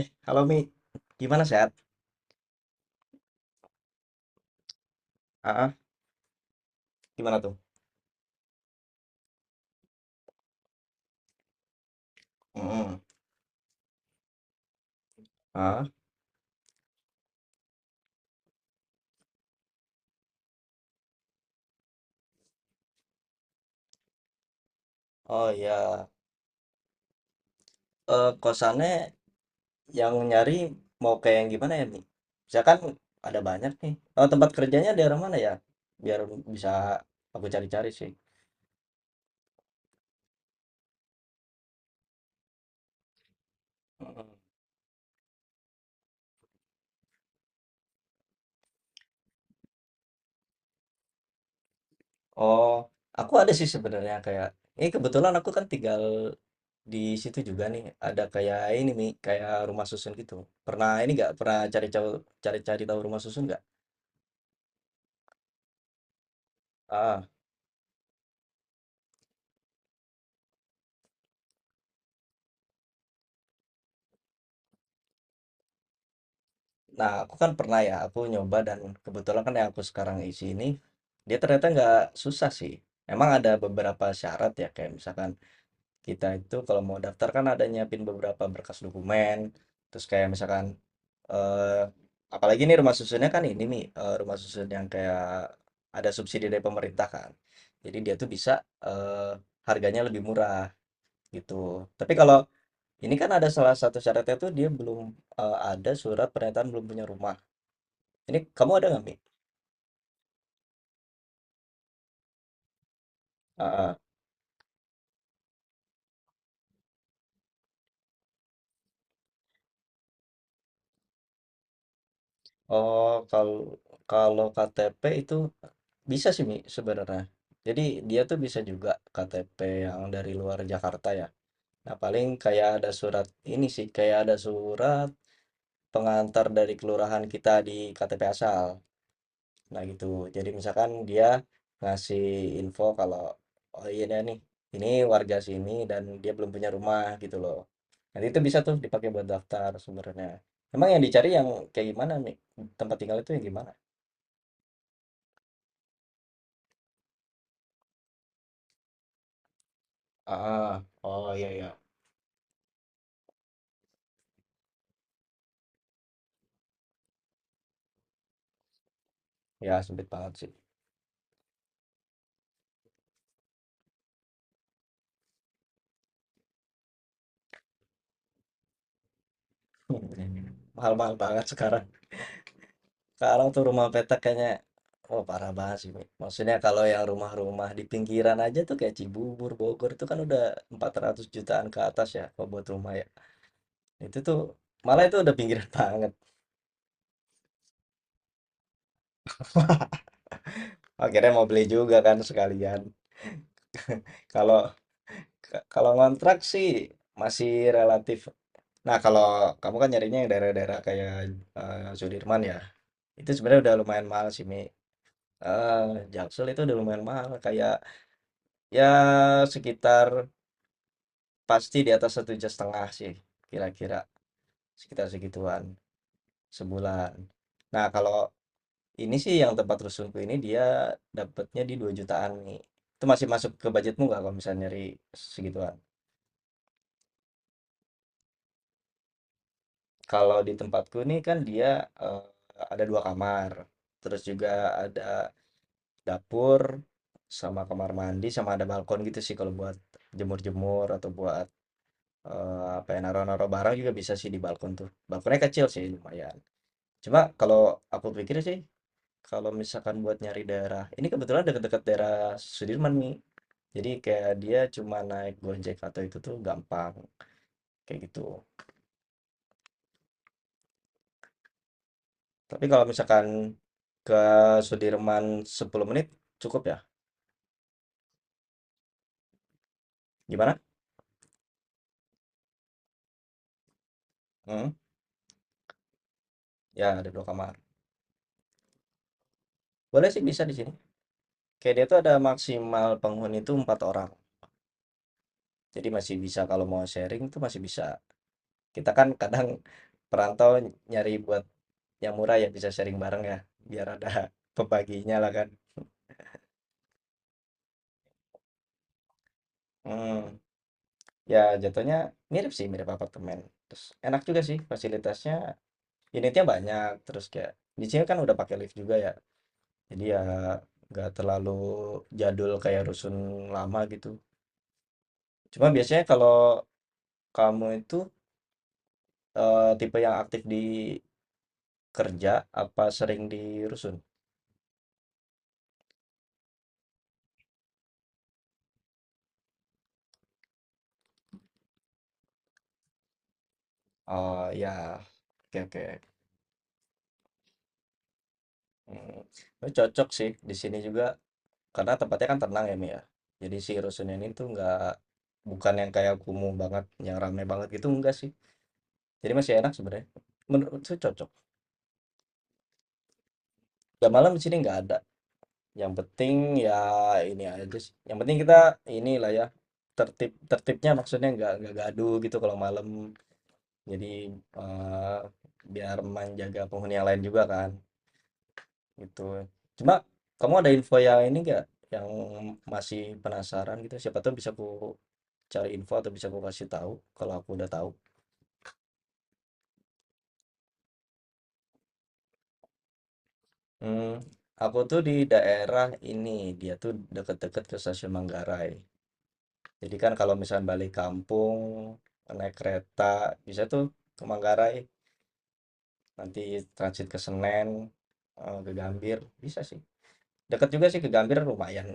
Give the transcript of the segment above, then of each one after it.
Eh, halo Mi, gimana sehat? Ah, gimana tuh? Mm. Ah, oh ya, kosannya yang nyari mau kayak yang gimana ya Mi? Misalkan ada banyak nih. Oh, tempat kerjanya daerah mana ya? Biar bisa aku cari-cari sih. Mm. Oh, aku ada sih sebenarnya kayak, ini kebetulan aku kan tinggal di situ juga nih. Ada kayak ini Mi, kayak rumah susun gitu. Pernah ini nggak? Pernah cari-cari tahu rumah susun nggak? Ah. Nah, aku kan pernah ya, aku nyoba dan kebetulan kan yang aku sekarang isi ini, dia ternyata nggak susah sih. Emang ada beberapa syarat ya, kayak misalkan kita itu kalau mau daftar kan ada nyiapin beberapa berkas dokumen, terus kayak misalkan, eh, apalagi nih rumah susunnya kan ini nih, rumah susun yang kayak ada subsidi dari pemerintah kan. Jadi dia tuh bisa harganya lebih murah gitu. Tapi kalau ini kan ada salah satu syaratnya tuh dia belum ada surat pernyataan belum punya rumah. Ini kamu ada nggak, Mi? Ah, ah. Oh, kalau kalau KTP itu bisa sih, Mi, sebenarnya. Jadi dia tuh bisa juga KTP yang dari luar Jakarta ya. Nah, paling kayak ada surat ini sih, kayak ada surat pengantar dari kelurahan kita di KTP asal. Nah gitu. Jadi misalkan dia ngasih info kalau, oh iya dah nih, ini warga sini dan dia belum punya rumah gitu loh. Nanti itu bisa tuh dipakai buat daftar sebenarnya. Emang yang dicari yang kayak gimana nih? Tempat tinggal itu yang gimana? Ah, oh iya iya. Ya sulit banget sih. Mahal-mahal banget sekarang. Sekarang tuh rumah petak kayaknya, oh parah banget sih, Mi. Maksudnya kalau yang rumah-rumah di pinggiran aja tuh kayak Cibubur, Bogor itu kan udah 400 jutaan ke atas ya kalau buat rumah ya. Itu tuh malah itu udah pinggiran banget. Akhirnya mau beli juga kan sekalian. Kalau kalau ngontrak sih masih relatif. Nah, kalau kamu kan nyarinya yang daerah-daerah kayak Sudirman ya. Itu sebenarnya udah lumayan mahal sih, Mi. Eh, Jaksel itu udah lumayan mahal kayak ya sekitar pasti di atas 1,5 juta sih kira-kira sekitar segituan sebulan. Nah, kalau ini sih yang tempat rusunku ini dia dapatnya di 2 jutaan nih. Itu masih masuk ke budgetmu nggak kalau misalnya nyari segituan? Kalau di tempatku nih kan dia eh, ada dua kamar, terus juga ada dapur sama kamar mandi sama ada balkon gitu sih kalau buat jemur-jemur atau buat apa ya naro-naro barang juga bisa sih di balkon tuh. Balkonnya kecil sih lumayan. Cuma kalau aku pikir sih kalau misalkan buat nyari daerah, ini kebetulan dekat-dekat daerah Sudirman nih. Jadi kayak dia cuma naik Gojek atau itu tuh gampang, kayak gitu. Tapi kalau misalkan ke Sudirman 10 menit cukup ya? Gimana? Hmm? Ya, ada dua kamar. Boleh sih bisa di sini. Kayak dia tuh ada maksimal penghuni itu empat orang. Jadi masih bisa kalau mau sharing tuh masih bisa. Kita kan kadang perantau nyari buat yang murah ya bisa sharing bareng ya, biar ada pembaginya lah kan. Hmm. Ya, jatuhnya mirip sih, mirip apartemen. Terus enak juga sih fasilitasnya unitnya banyak terus kayak di sini kan udah pakai lift juga ya jadi ya nggak terlalu jadul kayak rusun lama gitu cuma biasanya kalau kamu itu tipe yang aktif di kerja apa sering di rusun. Oh ya, oke oke. Hmm, tapi cocok sih di sini juga karena tempatnya kan tenang ya Mi ya jadi si rusun ini tuh nggak bukan yang kayak kumuh banget yang ramai banget gitu enggak sih jadi masih enak sebenarnya menurut saya cocok. Gak malam di sini nggak ada. Yang penting ya ini aja sih, yang penting kita inilah ya, tertib tertibnya maksudnya nggak gaduh gitu kalau malam. Jadi, eee, biar menjaga penghuni yang lain juga kan, gitu. Cuma kamu ada info yang ini nggak, yang masih penasaran gitu? Siapa tuh bisa ku cari info atau bisa ku kasih tahu kalau aku udah tahu. Hmm. Aku tuh di daerah ini, dia tuh deket-deket ke Stasiun Manggarai. Jadi kan kalau misalnya balik kampung, naik kereta, bisa tuh ke Manggarai, nanti transit ke Senen, eh, ke Gambir, bisa sih. Dekat juga sih ke Gambir lumayan.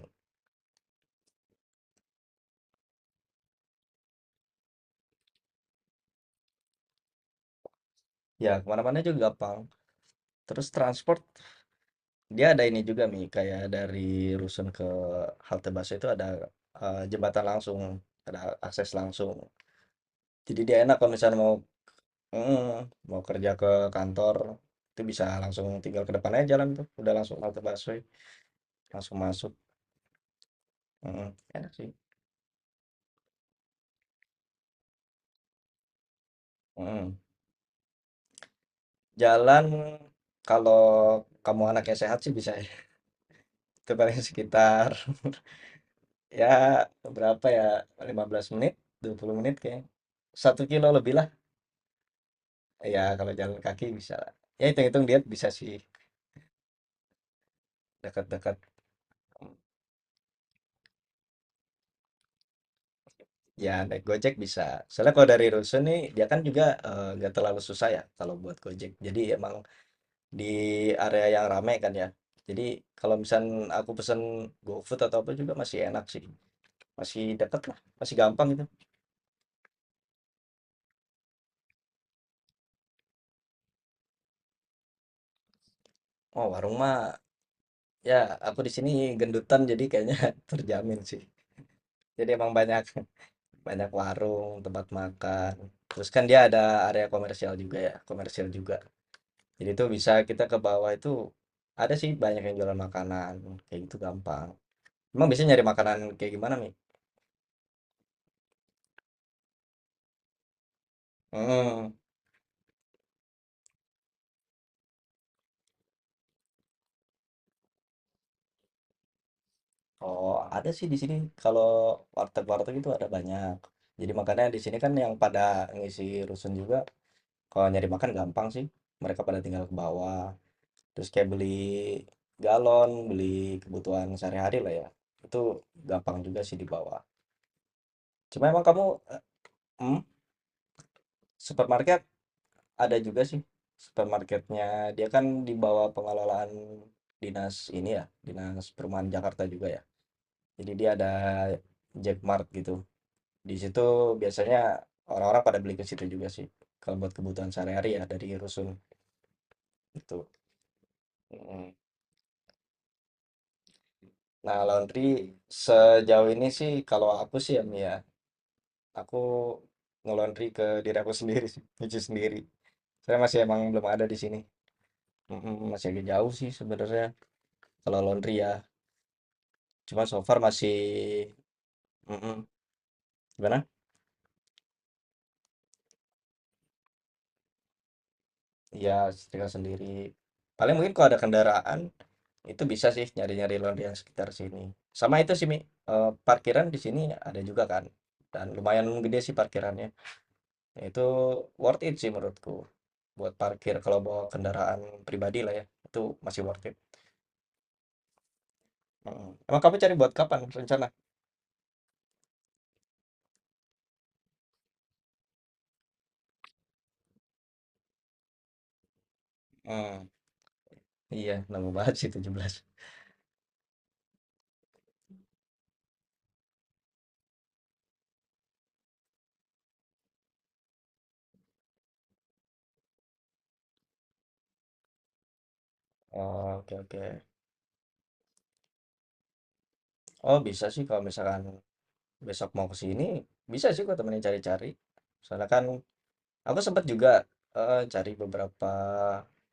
Ya, kemana-mana juga gampang. Terus transport, dia ada ini juga Mi, kayak dari Rusun ke halte bus itu ada jembatan langsung, ada akses langsung. Jadi dia enak kalau misalnya mau kerja ke kantor, itu bisa langsung tinggal ke depan aja jalan tuh, udah langsung halte busway, langsung masuk. Mhm, enak sih. Mhm. Jalan kalau kamu anaknya sehat sih bisa ya, itu paling sekitar ya berapa ya, 15 menit, 20 menit kayaknya. 1 kilo lebih lah, ya kalau jalan kaki bisa lah. Ya hitung-hitung diet bisa sih, dekat-dekat, ya naik Gojek bisa. Soalnya kalau dari rusun nih, dia kan juga, nggak terlalu susah ya kalau buat Gojek. Jadi emang di area yang ramai kan ya. Jadi kalau misal aku pesen GoFood atau apa juga masih enak sih. Masih deket lah masih gampang itu. Oh, warung mah ya aku di sini gendutan jadi kayaknya terjamin sih. Jadi emang banyak banyak warung, tempat makan. Terus kan dia ada area komersial juga ya, komersial juga. Jadi itu bisa kita ke bawah itu ada sih banyak yang jualan makanan kayak gitu gampang. Emang biasanya nyari makanan kayak gimana, Mi? Hmm. Oh, ada sih di sini kalau warteg-warteg itu ada banyak. Jadi makanya di sini kan yang pada ngisi rusun juga. Kalau nyari makan gampang sih, mereka pada tinggal ke bawah, terus kayak beli galon, beli kebutuhan sehari-hari lah ya, itu gampang juga sih di bawah. Cuma emang kamu, eh, hmm, supermarket ada juga sih, supermarketnya dia kan di bawah pengelolaan dinas ini ya, dinas perumahan Jakarta juga ya. Jadi dia ada Jackmart gitu, di situ biasanya orang-orang pada beli ke situ juga sih, kalau buat kebutuhan sehari-hari ya dari rusun itu. Hmm. Nah, laundry sejauh ini sih kalau aku sih ya Mia, aku nge-laundry ke diri aku sendiri sih, nyuci sendiri. Saya masih emang belum ada di sini. Mm-mm, masih agak jauh sih sebenarnya kalau laundry ya. Cuma so far masih mm-mm, gimana? Ya setrika sendiri. Paling mungkin kalau ada kendaraan itu bisa sih nyari-nyari laundry yang sekitar sini. Sama itu sih Mi, eh, parkiran di sini ada juga kan. Dan lumayan gede sih parkirannya. Itu worth it sih menurutku. Buat parkir kalau bawa kendaraan pribadi lah ya, itu masih worth it, mhm. Emang kamu cari buat kapan rencana? Mmm, iya nemu banget sih 17. Oke oke. Oh bisa sih kalau misalkan besok mau ke sini, bisa sih aku temenin cari-cari. Soalnya kan aku sempet juga heeh, cari beberapa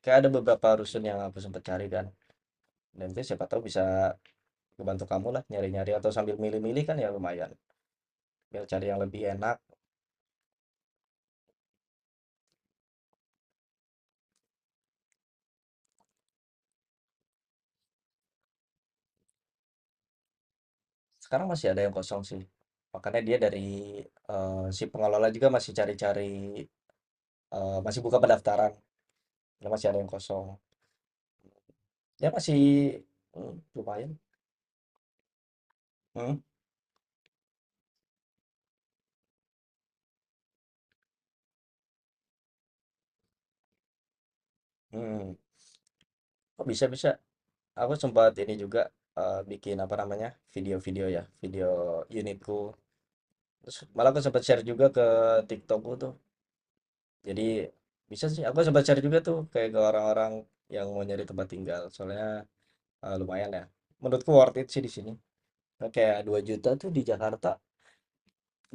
kayak ada beberapa rusun yang aku sempet cari kan, dan itu siapa tahu bisa ngebantu kamu lah nyari-nyari atau sambil milih-milih kan ya lumayan, biar cari yang lebih enak. Sekarang masih ada yang kosong sih. Makanya dia dari, si pengelola juga masih cari-cari, masih buka pendaftaran. Ya masih ada yang kosong. Ya masih lumayan. Hmm. Mhm. Oh bisa bisa. Aku sempat ini juga, bikin apa namanya, video-video ya, video unitku. Terus malah aku sempat share juga ke Tiktokku tuh. Jadi bisa sih, aku sempat share juga tuh kayak ke orang-orang yang mau nyari tempat tinggal. Soalnya, lumayan ya. Menurutku worth it sih di sini. Kan kayak Rp2.000.000 tuh di Jakarta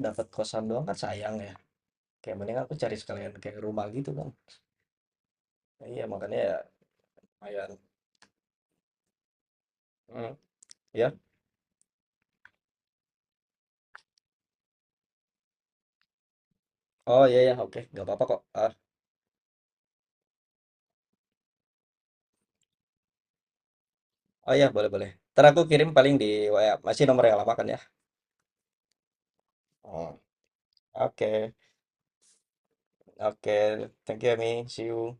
dapat kosan doang kan sayang ya, kayak mending aku cari sekalian kayak rumah gitu kan. Iya makanya ya lumayan, mhm, iya, oh iya iya oke nggak apa-apa kok, heeh, oh iya boleh boleh, entar aku kirim paling di WA, masih nomor yang lama kan ya? Oh, oke oke, thank you ya Mi, see you.